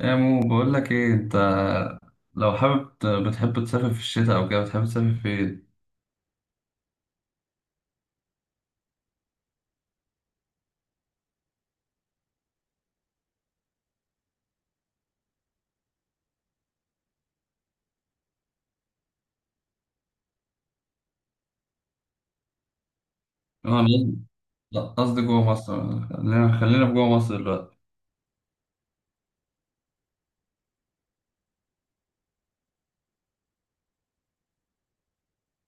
يا مو بقول لك ايه انت؟ لو حابب بتحب تسافر في الشتاء او كده، بتحب تسافر فين؟ انا قصدي لا، قصدي جوه مصر، خلينا في جوه مصر دلوقتي.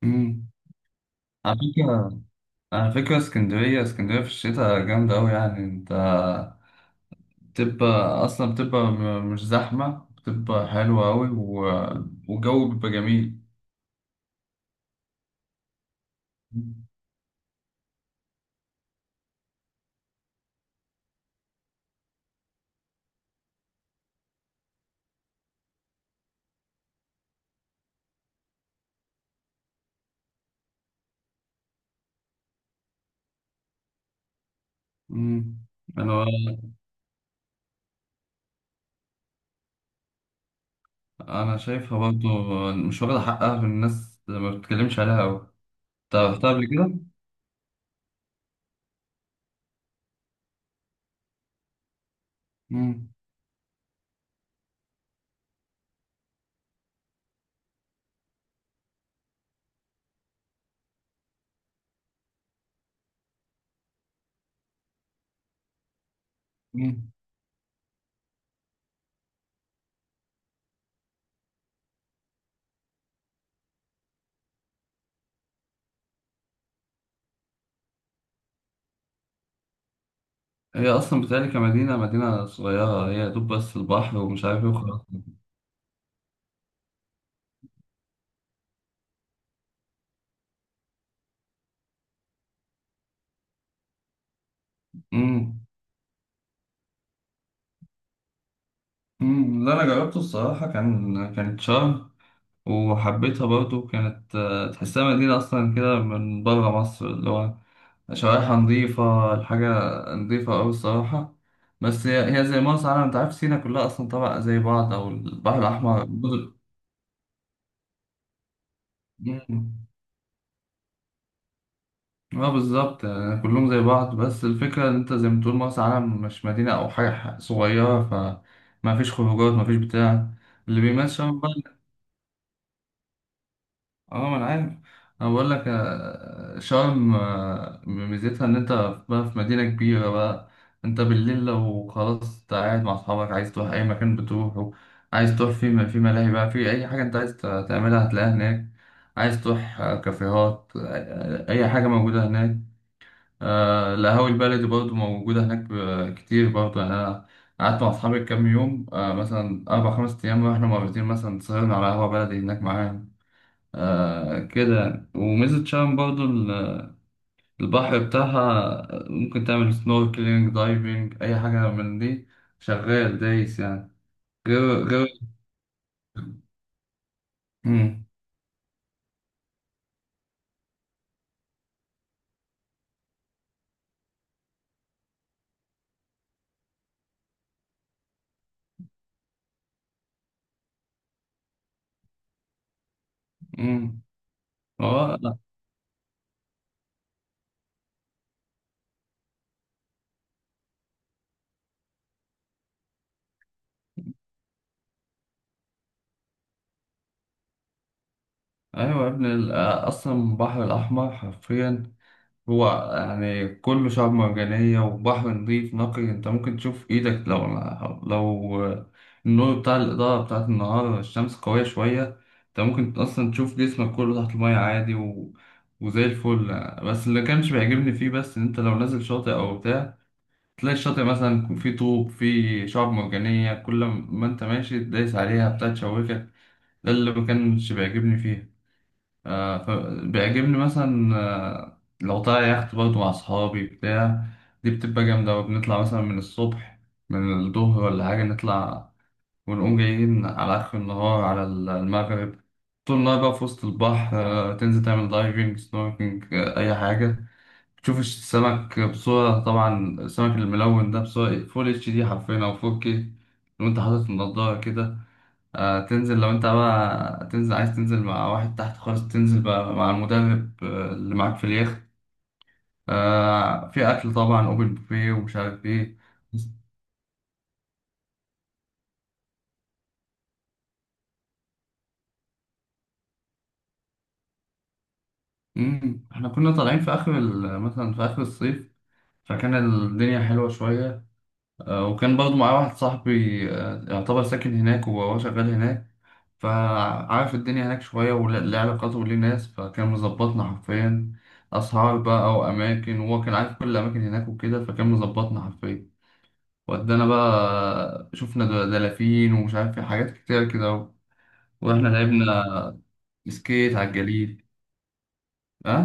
امم. على فكرة، اسكندرية، اسكندرية في الشتاء جامدة أوي. يعني انت بتبقى أصلا بتبقى مش زحمة، بتبقى حلوة أوي، والجو بيبقى جميل. امم. أنا أنا شايفها برضه مش واخدة حقها، في الناس ما بتتكلمش عليها أوي. انت رحتها قبل كده؟ مم. مم. هي أصلا بتهيألي كمدينة، مدينة صغيرة، هي دوب بس البحر ومش عارف إيه وخلاص. مم. مم. لا، أنا جربته الصراحة، كانت شرم، وحبيتها برضو. كانت تحسها مدينة أصلا كده من بره مصر، اللي هو شوارعها نظيفة، نظيفة أوي الصراحة. بس هي زي مرسى علم. أنت عارف سينا كلها أصلا طبعا زي بعض، أو البحر الأحمر. مم. اه، بالظبط، يعني كلهم زي بعض. بس الفكرة ان انت زي ما تقول مرسى علم مش مدينة او حاجة، صغيرة، فما فيش خروجات، ما فيش بتاع اللي بيميز شرم بقى. اه، ما انا عارف. انا بقول لك شرم، ميزتها ان انت بقى في مدينة كبيرة بقى. انت بالليل لو خلاص انت قاعد مع اصحابك عايز تروح اي مكان بتروحه. عايز تروح في ملاهي بقى، في اي حاجة انت عايز تعملها هتلاقيها هناك. عايز تروح كافيهات، اي حاجة موجودة هناك. القهاوي البلدي برضه موجودة هناك كتير برضه. يعني أنا قعدت مع أصحابي كام يوم، مثلا 4 5 أيام، رحنا مرتين مثلا، سهرنا على قهوة بلدي هناك معاهم كده يعني. وميزة شرم برضه البحر بتاعها، ممكن تعمل سنوركلينج، دايفنج، أي حاجة من دي، شغال دايس يعني. غير. مم. مم. هو أيوة يا ابني، أصلا البحر الأحمر حرفيا هو يعني كله شعب مرجانية وبحر نظيف نقي. انت ممكن تشوف ايدك لو النور بتاع الإضاءة بتاعت النهار، الشمس قوية شوية، انت ممكن اصلا تشوف جسمك كله تحت المية عادي، وزي الفل. بس اللي كانش بيعجبني فيه، بس، ان انت لو نازل شاطئ او بتاع، تلاقي الشاطئ مثلا يكون فيه طوب، فيه شعب مرجانية، كل ما انت ماشي تدايس عليها بتاع تشوكك. ده اللي ما كانش بيعجبني فيه. فبيعجبني مثلا لو طالع يخت برضه مع أصحابي بتاع، دي بتبقى جامدة. بنطلع مثلا من الصبح، من الظهر ولا حاجة نطلع، ونقوم جايين على آخر النهار، على المغرب. طول النهار بقى في وسط البحر، تنزل تعمل دايفنج، سنوركينج، أي حاجة، تشوف السمك بصورة، طبعا السمك الملون ده، بصورة فول اتش دي حرفيا أو 4K، وأنت حاطط النضارة كده. تنزل لو انت بقى تنزل، عايز تنزل مع واحد تحت خالص، تنزل بقى مع المدرب اللي معاك في اليخت. في اكل طبعا، اوبن بوفيه ومش عارف ايه. احنا كنا طالعين في اخر مثلا في اخر الصيف، فكان الدنيا حلوة شوية. وكان برضو معايا واحد صاحبي يعتبر ساكن هناك وهو شغال هناك، فعارف الدنيا هناك شوية وليه علاقاته وليه ناس. فكان مظبطنا حرفيا، أسعار بقى وأماكن، وهو كان عارف كل الأماكن هناك وكده فكان مظبطنا حرفيا. ودانا بقى شفنا دلافين ومش عارف، في حاجات كتير كده واحنا لعبنا سكيت على الجليد. ها.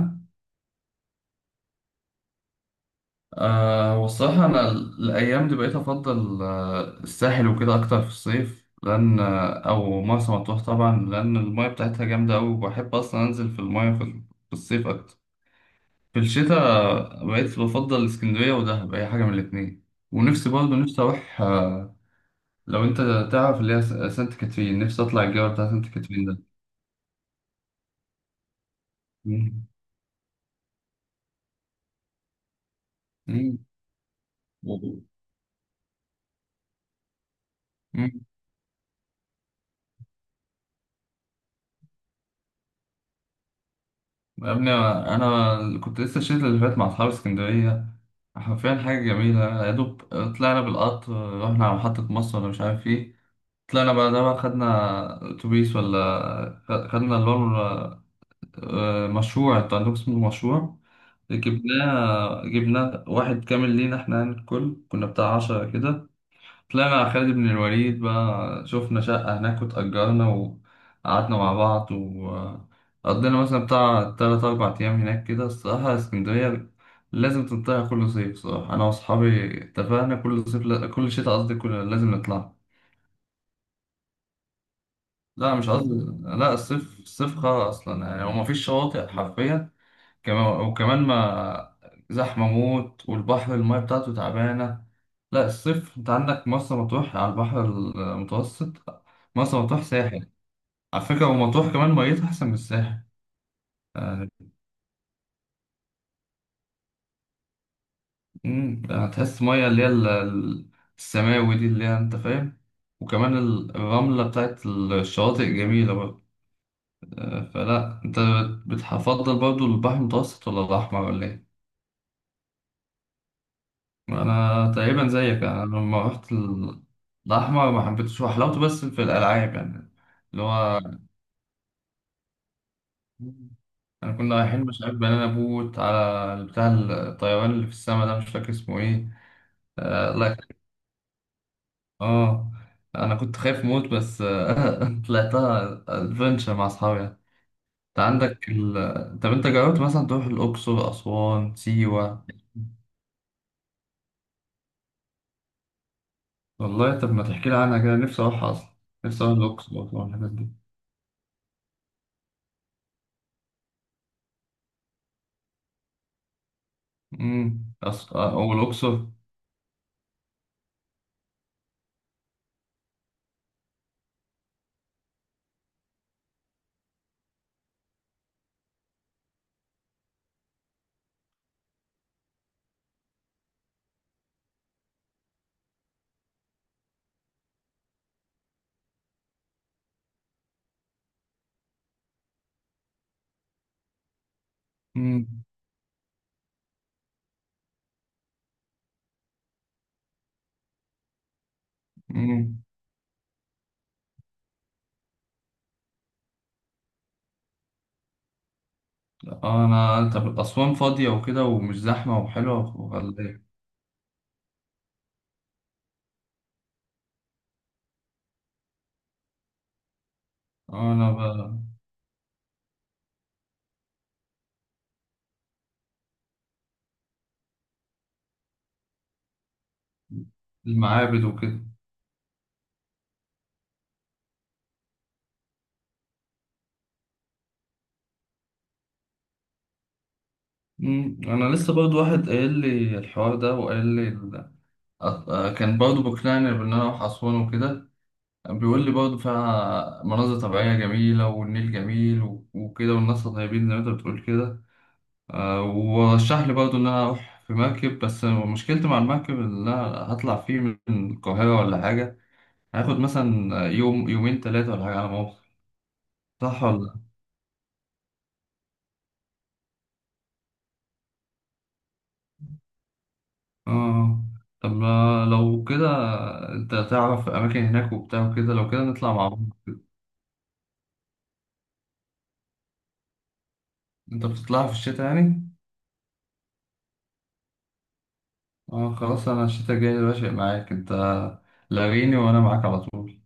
والصراحة أنا الأيام دي بقيت أفضل الساحل وكده أكتر في الصيف، لأن أو مرسى مطروح طبعا، لأن الماية بتاعتها جامدة أوي، وبحب أصلا أنزل في الماية في في الصيف أكتر. في الشتاء بقيت بفضل اسكندرية ودهب، أي حاجة من الاتنين. ونفسي برضه نفسي أروح، لو أنت تعرف اللي هي سانت كاترين. نفسي أطلع الجبل بتاع سانت كاترين ده. مم. مم. يا ابني انا كنت لسه الشتا اللي فات مع اصحاب اسكندريه، حرفيا حاجه جميله يا دوب. طلعنا بالقطر، رحنا على محطه مصر ولا مش عارف ايه. طلعنا بعدها بقى، خدنا اتوبيس ولا، خدنا اللي هو مشروع، انتوا عندكم اسمه مشروع، جبناه واحد كامل لينا احنا، يعني الكل كنا بتاع 10 كده. طلعنا على خالد بن الوليد بقى، شفنا شقة هناك وتأجرنا وقعدنا مع بعض، وقضينا مثلا بتاع 3 4 أيام هناك كده. الصراحة اسكندرية لازم تنطلع كل صيف. صراحة أنا وأصحابي اتفقنا كل صيف، كل شتاء قصدي، لازم نطلع. لا، مش قصدي، لا، الصيف الصيف خرا أصلا يعني، هو مفيش شواطئ حرفيا. كمان وكمان ما، زحمة موت، والبحر المية بتاعته تعبانة. لا الصيف انت عندك مرسى مطروح على البحر المتوسط، مرسى مطروح ساحل على فكرة، ومطروح كمان ميتها أحسن من الساحل. آه. هتحس مية اللي هي السماوي دي اللي هي انت فاهم، وكمان الرملة بتاعت الشواطئ جميلة برضه. فلا انت بتفضل برضه البحر المتوسط ولا الأحمر ولا ايه؟ انا تقريبا زيك. انا لما رحت الاحمر ما حبيتش، وحلاوته بس في الالعاب يعني، اللي هو انا كنا رايحين، مش عارف، بنانا بوت على بتاع الطيران اللي في السما ده مش فاكر اسمه ايه. آه لا. اه. انا كنت خايف موت، بس آه طلعتها ادفنتشر مع اصحابي يعني. انت عندك طب انت جربت مثلا تروح الاقصر، اسوان، سيوه؟ والله، طب ما تحكي لي عنها كده، نفسي اروح اصلا. نفسي اروح الاقصر واسوان، الحتت دي. والاقصر. مم. مم. اه، انا طب اسوان فاضيه وكده ومش زحمه وحلوه ولا ايه؟ اه انا بقى. المعابد وكده. مم. انا لسه برضو واحد قايل لي الحوار ده وقال لي كان برضو بقنعني بان انا اروح اسوان وكده. بيقول لي برضو فيها مناظر طبيعيه جميله، والنيل جميل وكده، والناس طيبين زي ما انت بتقول كده. ورشح لي برضو ان انا اروح في مركب، بس مشكلتي مع المركب ان انا هطلع فيه من القاهره ولا حاجه، هاخد مثلا يوم يومين 3 ولا حاجة على ما أوصل. صح ولا؟ اه. طب ما لو كده انت تعرف اماكن هناك وبتاع وكده، لو كده نطلع مع بعض. انت بتطلع في الشتاء يعني؟ اه خلاص، انا الشتاء الجاي باشا معاك انت، لاغيني وانا معاك على طول.